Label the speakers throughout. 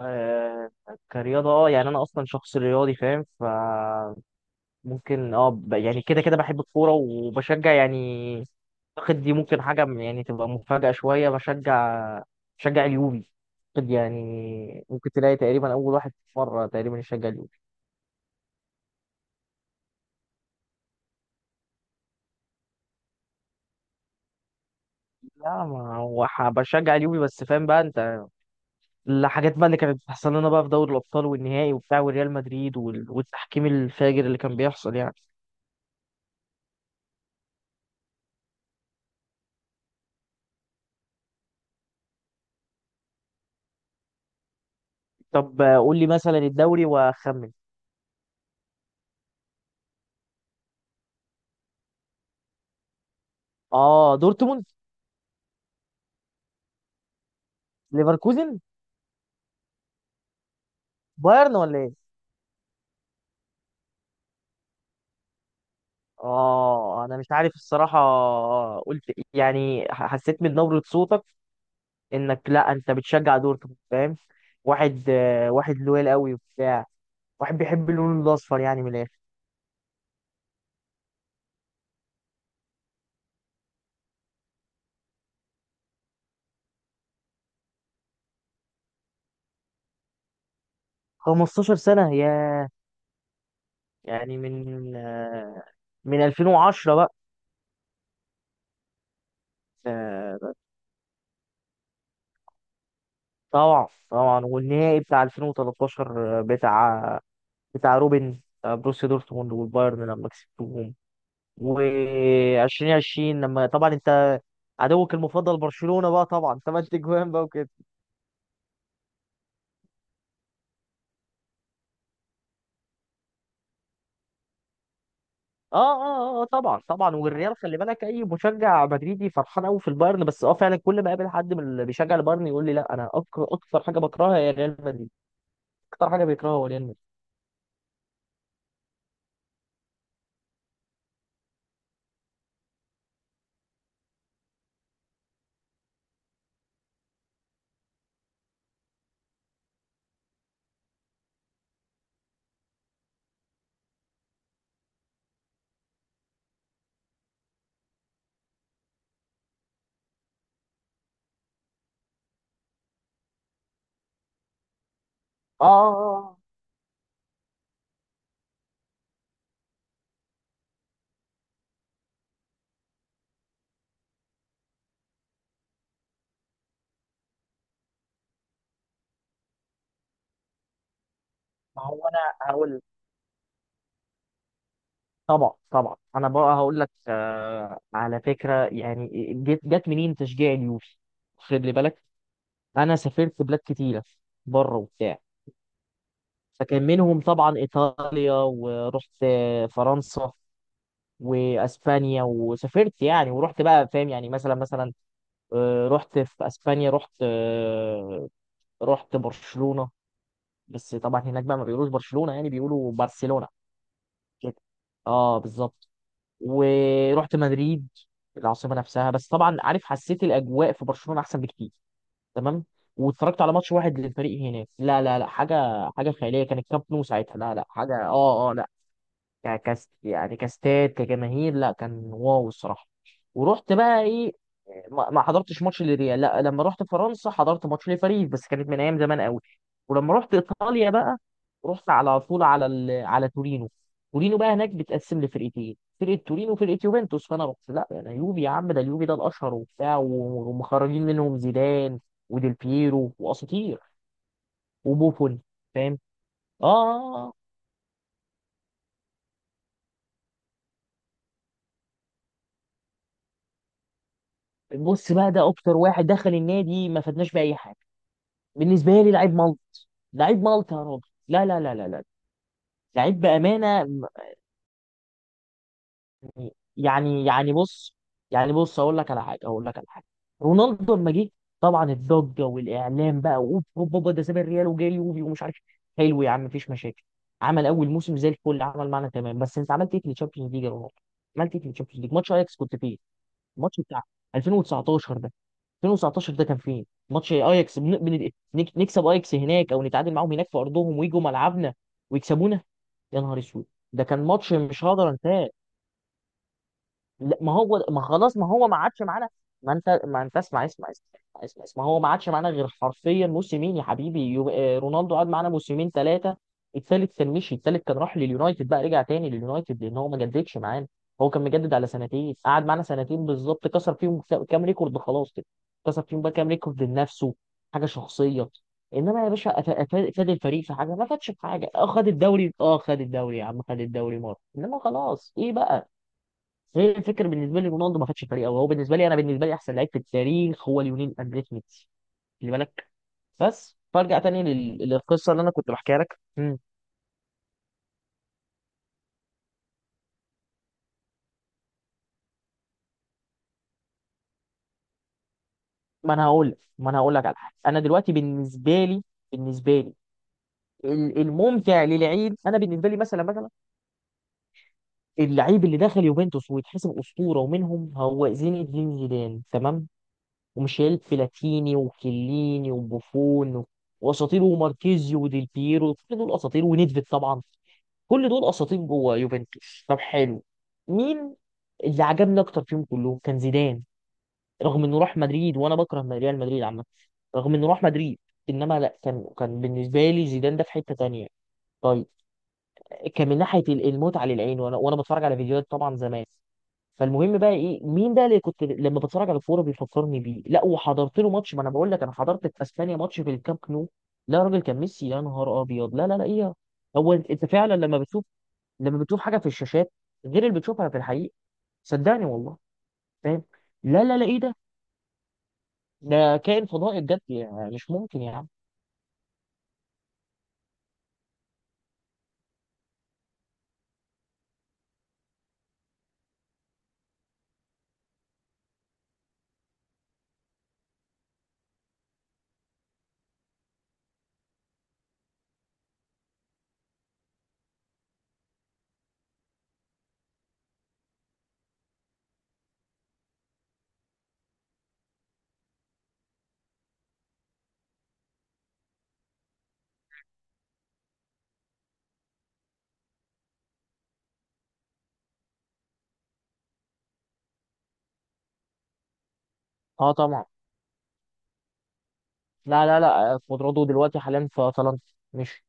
Speaker 1: آه كرياضة يعني أنا أصلا شخص رياضي فاهم فممكن يعني كده كده بحب الكورة وبشجع يعني أعتقد دي ممكن حاجة يعني تبقى مفاجأة شوية بشجع اليوفي. أعتقد يعني ممكن تلاقي تقريبا أول واحد مرة تقريبا يشجع اليوفي. لا ما هو بشجع اليوفي بس فاهم بقى أنت الحاجات بقى اللي كانت بتحصل لنا بقى في دوري الأبطال والنهائي وبتاع وريال مدريد وال- والتحكيم الفاجر اللي كان بيحصل يعني. طب قول لي مثلا الدوري وأخمن. اه دورتموند. ليفركوزن. بايرن ولا ايه؟ اه انا مش عارف الصراحه، قلت يعني حسيت من نبره صوتك انك لا انت بتشجع دورتموند، فاهم؟ واحد واحد لويل قوي وبتاع، واحد بيحب اللون الاصفر يعني من الاخر. 15 سنه يا، يعني من من 2010 بقى. آه، طبعا طبعا والنهائي بتاع 2013 بتاع بتاع روبن، بروسيا دورتموند والبايرن لما كسبتهم. و2020 لما طبعا انت عدوك المفضل برشلونة بقى طبعا ثمان تجوان بقى وكده. طبعا طبعا والريال خلي بالك اي مشجع مدريدي فرحان قوي في البايرن، بس اه فعلا كل ما اقابل حد من اللي بيشجع البايرن يقول لي لا انا اكتر حاجه بكرهها هي ريال مدريد، اكتر حاجه بيكرهها هو ريال مدريد. اه اه آه. آه. ما هو انا هقول، طبعا طبعا انا بقى هقول لك، على فكره يعني جت منين تشجيع اليوفي؟ خلي بالك انا سافرت بلاد كتيره بره وبتاع، فكان منهم طبعا إيطاليا، ورحت فرنسا وأسبانيا وسافرت يعني ورحت بقى فاهم يعني مثلا مثلا، رحت في أسبانيا رحت رحت برشلونة. بس طبعا هناك بقى ما بيقولوش برشلونة يعني بيقولوا برشلونة كده. اه بالظبط. ورحت مدريد العاصمة نفسها، بس طبعا عارف حسيت الأجواء في برشلونة أحسن بكتير، تمام. واتفرجت على ماتش واحد للفريق هناك، لا لا لا حاجة حاجة خيالية، كان الكامب نو ساعتها لا لا حاجة لا ك- كس يعني كاستاد كجماهير، لا كان واو الصراحه. ورحت بقى ايه، ما حضرتش ماتش للريال، لا لما رحت فرنسا حضرت ماتش لباريس بس كانت من ايام زمان قوي. ولما رحت ايطاليا بقى رحت على طول على ال... على تورينو. تورينو بقى هناك بتقسم لفرقتين، فرقه تورينو وفرقه يوفنتوس، فانا رحت لا انا يوفي يا عم، ده اليوفي ده الاشهر وبتاع و ومخرجين منهم زيدان وديل بييرو واساطير وبوفون، فاهم. اه آه، آه. بص بقى ده اكتر واحد دخل النادي ما فادناش باي حاجه. بالنسبه لي لعيب ملط، لعيب ملط يا راجل، لا لا لا لا لا، لعيب بامانه. م- يعني يعني بص، يعني بص اقول لك على حاجه، اقول لك على حاجه. رونالدو لما جه طبعا الضجه والاعلام بقى، اوب اوب اوب ده ساب الريال وجاي اليوفي ومش عارف إيه. حلو يا عم، مفيش مشاكل. عمل اول موسم زي الفل، عمل معانا تمام، بس انت عملت ايه في الشامبيونز ليج يا رونالدو؟ عملت ايه في الشامبيونز ليج ماتش اياكس؟ كنت فين؟ الماتش بتاع 2019 ده، 2019 ده كان فين؟ ماتش اياكس بن... بن... نكسب اياكس هناك او نتعادل معاهم هناك في ارضهم ويجوا ملعبنا ويكسبونا؟ يا نهار اسود! ده كان ماتش مش هقدر انساه. لا ما هو ما خلاص ما هو ما عادش معانا. ما انت ما انت اسمع اسمع اسمع اسمع، اسمع، هو ما عادش معانا غير حرفيا موسمين يا حبيبي، يو... رونالدو قعد معانا موسمين ثلاثه، الثالث كان مشي الثالث كان راح لليونايتد بقى، رجع تاني لليونايتد لان هو ما جددش معانا. هو كان مجدد على سنتين، قعد معانا سنتين بالظبط، كسر فيهم كام ريكورد خلاص كده، كسر فيهم بقى كام ريكورد لنفسه، حاجه شخصيه. انما يا باشا فاد الفريق في حاجه؟ ما فادش في حاجه. اه خد الدوري، اه خد الدوري يا عم خد الدوري مره، انما خلاص ايه بقى. هي الفكره بالنسبه لي رونالدو ما خدش فريق قوي، هو بالنسبه لي، انا بالنسبه لي احسن لعيب في التاريخ هو ليونيل اندريس ميسي، خلي بالك. بس فارجع تاني للقصه اللي انا كنت بحكيها لك. مم. ما انا هقول لك، ما انا هقول لك على حاجه، انا دلوقتي بالنسبه لي، بالنسبه لي الممتع للعيب انا بالنسبه لي مثلا مثلا، اللعيب اللي دخل يوفنتوس ويتحسب اسطوره ومنهم هو زين الدين زيدان، تمام، وميشيل بلاتيني وكليني وبوفون واساطير وماركيزيو وديل بيرو، كل دول اساطير ونيدفيد طبعا، كل دول اساطير جوه يوفنتوس. طب حلو، مين اللي عجبني اكتر فيهم كلهم؟ كان زيدان. رغم انه راح مدريد وانا بكره ريال مدريد عامه، رغم انه راح مدريد، انما لا كان كان بالنسبه لي زيدان ده في حته تانية. طيب، كان من ناحيه المتعه للعين، وانا بتفرج على فيديوهات طبعا زمان. فالمهم بقى ايه، مين ده اللي كنت لما بتفرج على الكوره بيفكرني بيه؟ لا وحضرت له ماتش، ما انا بقول لك انا حضرت في اسبانيا ماتش في الكامب نو. لا يا راجل كان ميسي، يا نهار ابيض، لا لا لا ايه. هو انت أنت فعلا لما بتشوف، لما بتشوف حاجه في الشاشات غير اللي بتشوفها في الحقيقه، صدقني والله، فاهم. لا لا لا ايه ده، ده كائن فضائي بجد، يعني مش ممكن يا عم. اه طبعا. لا لا لا خضراته دلوقتي حاليا في طلنطا، مش...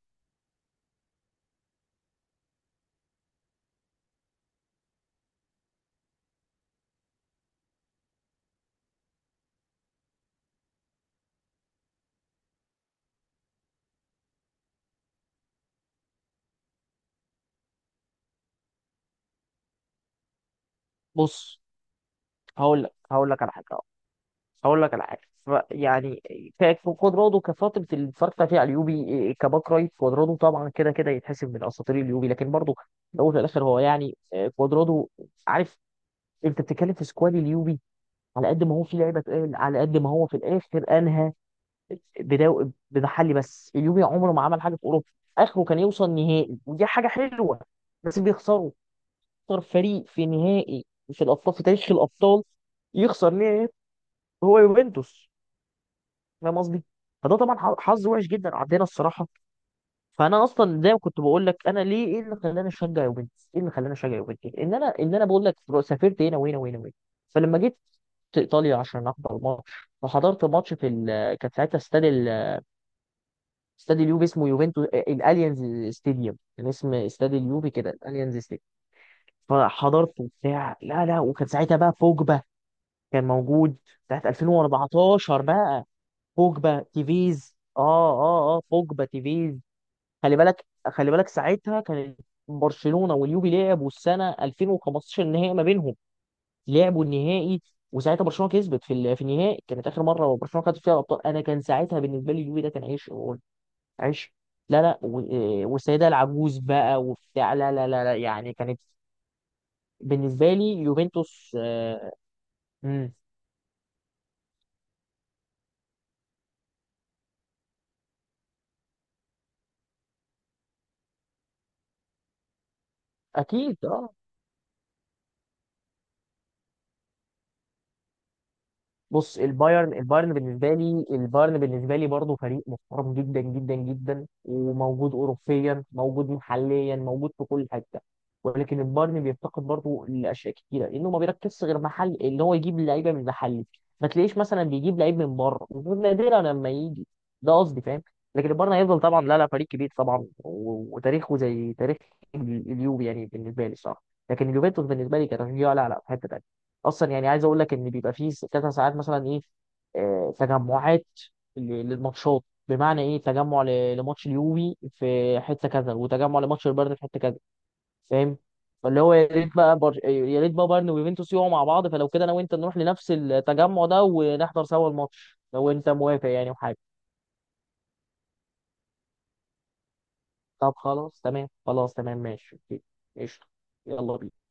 Speaker 1: بص هقول لك، هقول لك على حاجه أهو. هقول لك على حاجه، يعني كانت في خضراته كفتره اللي اتفرجت فيها على اليوبي كباك رايت، خضراته طبعا كده كده يتحسب من اساطير اليوبي، لكن برضه في الاول وفي الاخر هو يعني خضراته، عارف. انت بتتكلم في سكواد اليوبي، على قد ما هو في لعيبه تقال، على قد ما هو في الاخر انهى بدو... بمحلي. بس اليوفي عمره ما عمل حاجه في اوروبا، اخره كان يوصل نهائي ودي حاجه حلوه، بس بيخسروا. اكتر فريق في نهائي في الابطال في تاريخ الابطال يخسر نهائي هو يوفنتوس، فاهم قصدي؟ فده طبعا حظ وحش جدا عندنا الصراحه. فانا اصلا زي ما كنت بقول لك انا ليه، ايه اللي خلاني اشجع يوفنتوس، ايه اللي خلاني اشجع يوفنتوس، ان انا، بقول لك سافرت هنا وهنا وهنا وهنا، فلما جيت ايطاليا عشان احضر الماتش، فحضرت ماتش في ال... كانت ساعتها استاد ال... استاد اليوفي اسمه يوفنتوس، الاليانز ستاديوم، كان اسم استاد اليوفي كده الاليانز ستاديوم. فحضرت وبتاع لا لا، وكان ساعتها بقى بوجبا كان موجود، ساعه 2014 بقى، بوجبا تيفيز، بوجبا تيفيز. خلي بالك خلي بالك ساعتها كانت برشلونه واليوفي لعبوا السنه 2015 النهائي ما بينهم، لعبوا النهائي، وساعتها برشلونه كسبت في في النهائي، كانت اخر مره برشلونه خدت فيها الابطال. انا كان ساعتها بالنسبه لي اليوفي ده كان عيش، عيش. لا لا والسيده العجوز بقى وبتاع، لا لا لا لا، يعني كانت بالنسبه لي يوفنتوس مم. اكيد اه. بص البايرن، البايرن بالنسبه لي، البايرن بالنسبه لي برضه فريق محترم جدا جدا جدا، وموجود اوروبيا موجود محليا موجود في كل حته، ولكن البايرن بيفتقد برضه لاشياء كتيره لانه ما بيركزش غير محل ان هو يجيب لعيبه من محلي، ما تلاقيش مثلا بيجيب لعيب من بره، نادرا لما يجي، ده قصدي فاهم. لكن البايرن هيفضل طبعا لا لا فريق كبير طبعا و وتاريخه زي تاريخ اليوفي يعني بالنسبه لي، صح، لكن اليوفنتوس بالنسبه لي كتشجيع لا لا في حته تانيه. اصلا يعني عايز اقول لك ان بيبقى فيه كذا ساعات مثلا ايه، تجمعات للماتشات، بمعنى ايه، تجمع لماتش اليوفي في حته كذا، وتجمع لماتش البايرن في حته كذا، فاهم. فاللي هو يا ريت بقى بر... يا ريت بقى بايرن ويوفنتوس يقعوا مع بعض، فلو كده انا وانت نروح لنفس التجمع ده ونحضر سوا الماتش، لو انت موافق يعني وحاجه. طب خلاص تمام، خلاص تمام ماشي اوكي، قشطه، يلا بينا.